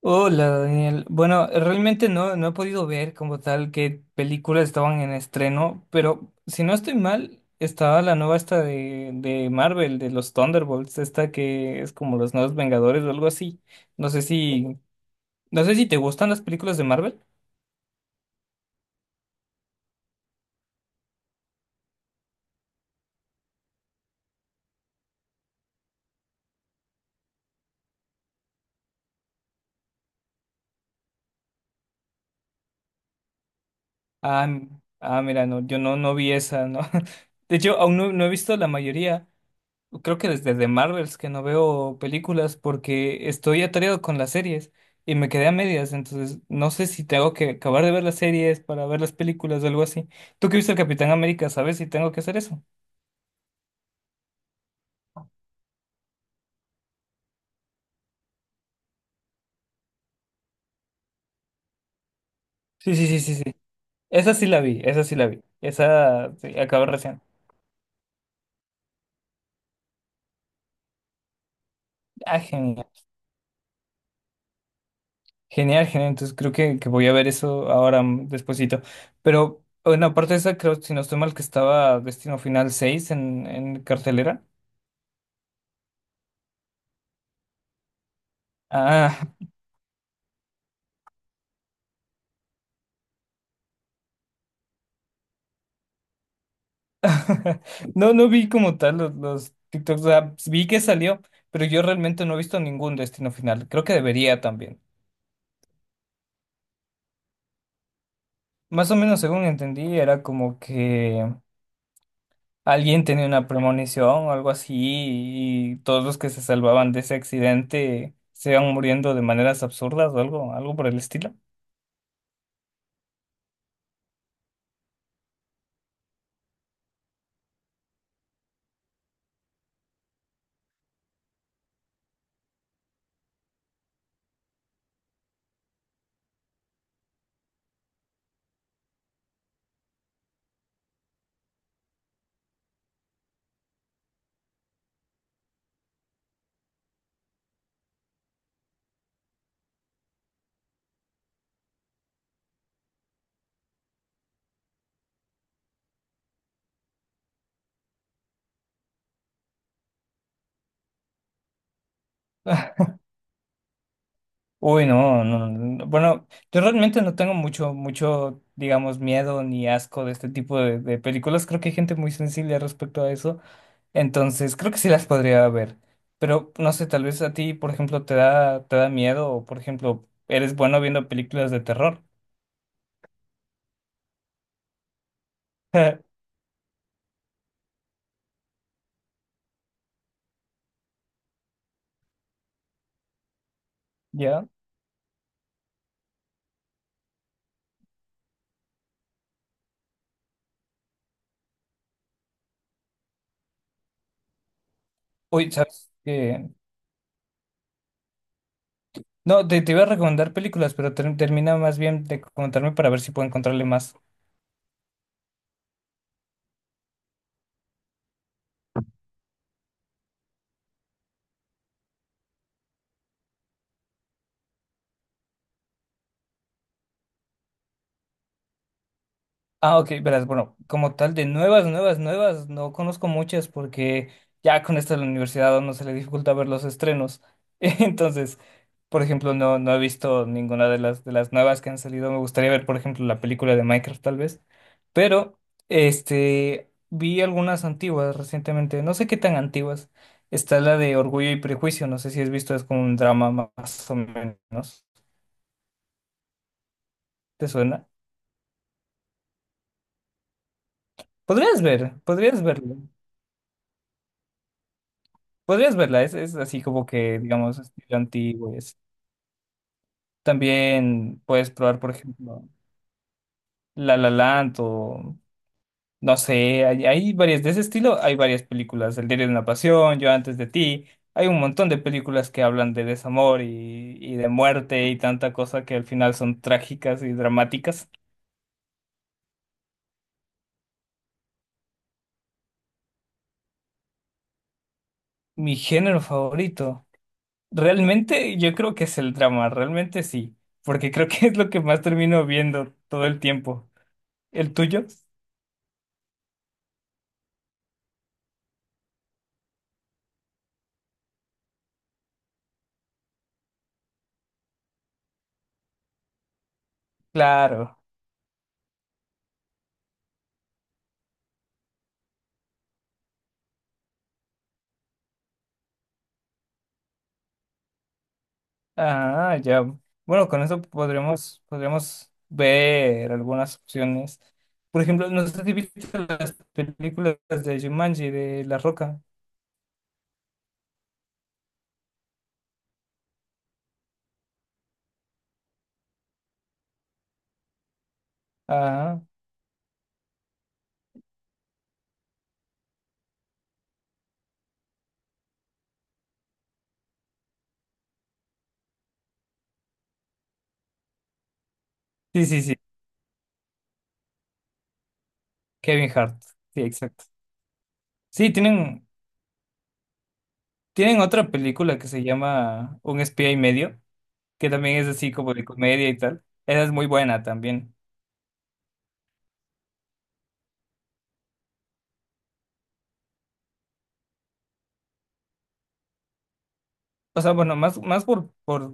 Hola, Daniel. Bueno, realmente no he podido ver como tal qué películas estaban en estreno, pero si no estoy mal, estaba la nueva esta de Marvel, de los Thunderbolts, esta que es como los nuevos Vengadores o algo así. No sé si, no sé si te gustan las películas de Marvel. Ah, m- Mira, no, yo no, no vi esa, ¿no? De hecho, aún no, no he visto la mayoría. Creo que desde The Marvels que no veo películas porque estoy atareado con las series y me quedé a medias, entonces no sé si tengo que acabar de ver las series para ver las películas o algo así. Tú que viste el Capitán América, ¿sabes si tengo que hacer eso? Sí, sí, sí, sí, sí. Esa sí la vi. Esa sí, acabé recién. Ah, genial. Genial, genial. Entonces creo que voy a ver eso ahora, despuesito. Pero, bueno, aparte de esa, creo, si no estoy mal, que estaba Destino Final 6 en cartelera. Ah, no, no vi como tal los TikToks, o sea, vi que salió, pero yo realmente no he visto ningún destino final. Creo que debería también. Más o menos según entendí, era como que alguien tenía una premonición o algo así y todos los que se salvaban de ese accidente se iban muriendo de maneras absurdas o algo, algo por el estilo. Uy, no, no, no, bueno, yo realmente no tengo mucho, digamos, miedo ni asco de este tipo de películas. Creo que hay gente muy sensible respecto a eso. Entonces, creo que sí las podría ver. Pero no sé, tal vez a ti, por ejemplo, te da miedo o, por ejemplo, eres bueno viendo películas de terror. ¿Ya? Uy, ¿sabes qué? No, te iba a recomendar películas, pero termina más bien de contarme para ver si puedo encontrarle más. Ah, ok, verás, bueno, como tal, de nuevas, no conozco muchas porque ya con esto de la universidad a uno se le dificulta ver los estrenos. Entonces, por ejemplo, no he visto ninguna de de las nuevas que han salido. Me gustaría ver, por ejemplo, la película de Minecraft, tal vez. Pero, este, vi algunas antiguas recientemente, no sé qué tan antiguas. Está la de Orgullo y Prejuicio, no sé si has visto, es como un drama más o menos. ¿Te suena? Podrías verlo. Podrías verla, es así como que, digamos, estilo antiguo y así. También puedes probar, por ejemplo, La La Land o, no sé, hay varias de ese estilo, hay varias películas, El diario de una pasión, Yo antes de ti, hay un montón de películas que hablan de desamor y de muerte y tanta cosa que al final son trágicas y dramáticas. Mi género favorito, realmente yo creo que es el drama, realmente sí, porque creo que es lo que más termino viendo todo el tiempo. ¿El tuyo? Claro. Ah, ya. Bueno, con eso podríamos ver algunas opciones. Por ejemplo, no sé si viste las películas de Jumanji, de La Roca. Ah, sí, sí, sí. Kevin Hart. Sí, exacto. Sí, tienen, tienen otra película que se llama Un espía y medio, que también es así como de comedia y tal. Esa es muy buena también. O sea, bueno,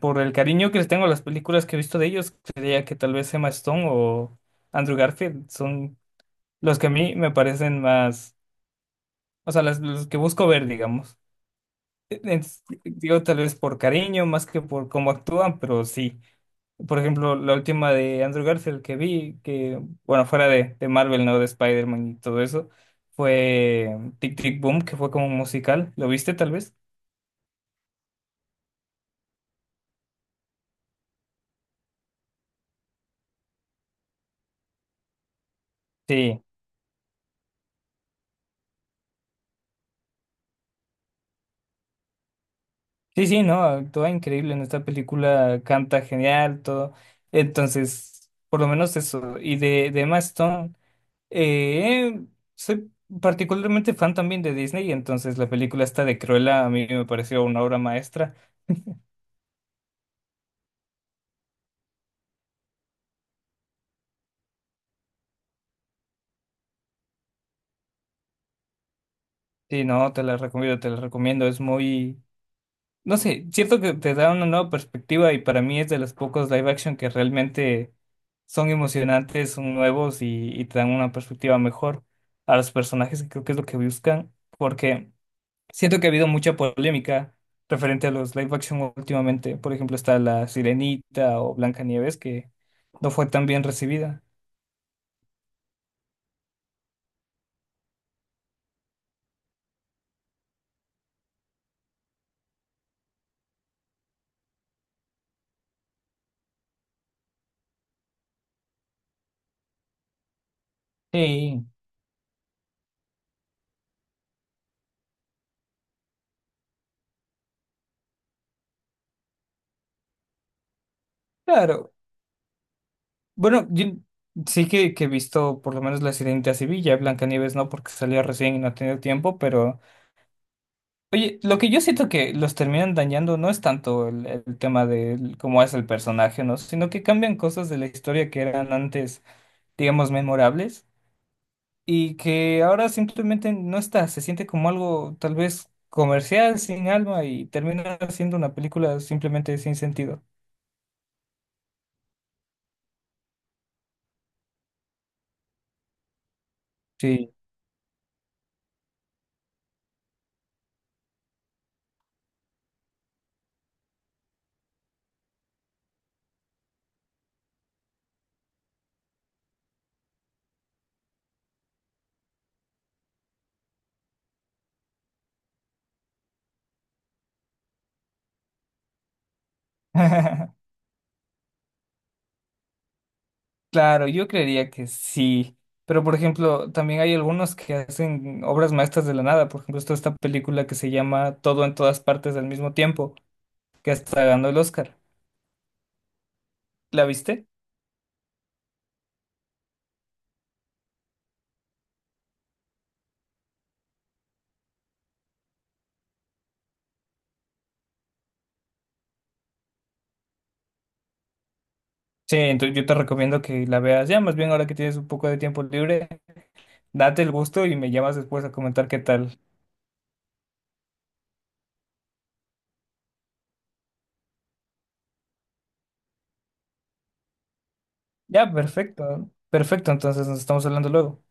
por el cariño que les tengo a las películas que he visto de ellos, creía que tal vez Emma Stone o Andrew Garfield son los que a mí me parecen más, o sea, los que busco ver, digamos. En- Digo, tal vez por cariño, más que por cómo actúan, pero sí. Por ejemplo, la última de Andrew Garfield que vi, que, bueno, fuera de Marvel, ¿no? De Spider-Man y todo eso, fue Tic Tic Boom, que fue como un musical. ¿Lo viste tal vez? Sí. Sí, sí, ¿no? Actúa increíble en esta película, canta genial, todo. Entonces, por lo menos eso. Y de Emma Stone. Eh, Soy particularmente fan también de Disney, entonces la película esta de Cruella a mí me pareció una obra maestra. Sí, no, te la recomiendo. Es muy, no sé, cierto que te da una nueva perspectiva y para mí es de los pocos live action que realmente son emocionantes, son nuevos y te dan una perspectiva mejor a los personajes, que creo que es lo que buscan, porque siento que ha habido mucha polémica referente a los live action últimamente. Por ejemplo, está La Sirenita o Blancanieves, que no fue tan bien recibida. Sí, claro. Bueno, yo sí que he visto por lo menos La Sirenita Sevilla, Blancanieves no, porque salió recién y no ha tenido tiempo, pero oye, lo que yo siento que los terminan dañando no es tanto el tema de cómo es el personaje, ¿no? Sino que cambian cosas de la historia que eran antes, digamos, memorables y que ahora simplemente no está, se siente como algo tal vez comercial, sin alma, y termina siendo una película simplemente sin sentido. Sí. Claro, yo creería que sí, pero por ejemplo, también hay algunos que hacen obras maestras de la nada, por ejemplo, está esta película que se llama Todo en todas partes al mismo tiempo, que hasta ganó el Oscar. ¿La viste? Sí, entonces yo te recomiendo que la veas ya, más bien ahora que tienes un poco de tiempo libre, date el gusto y me llamas después a comentar qué tal. Ya, perfecto. Perfecto, entonces nos estamos hablando luego.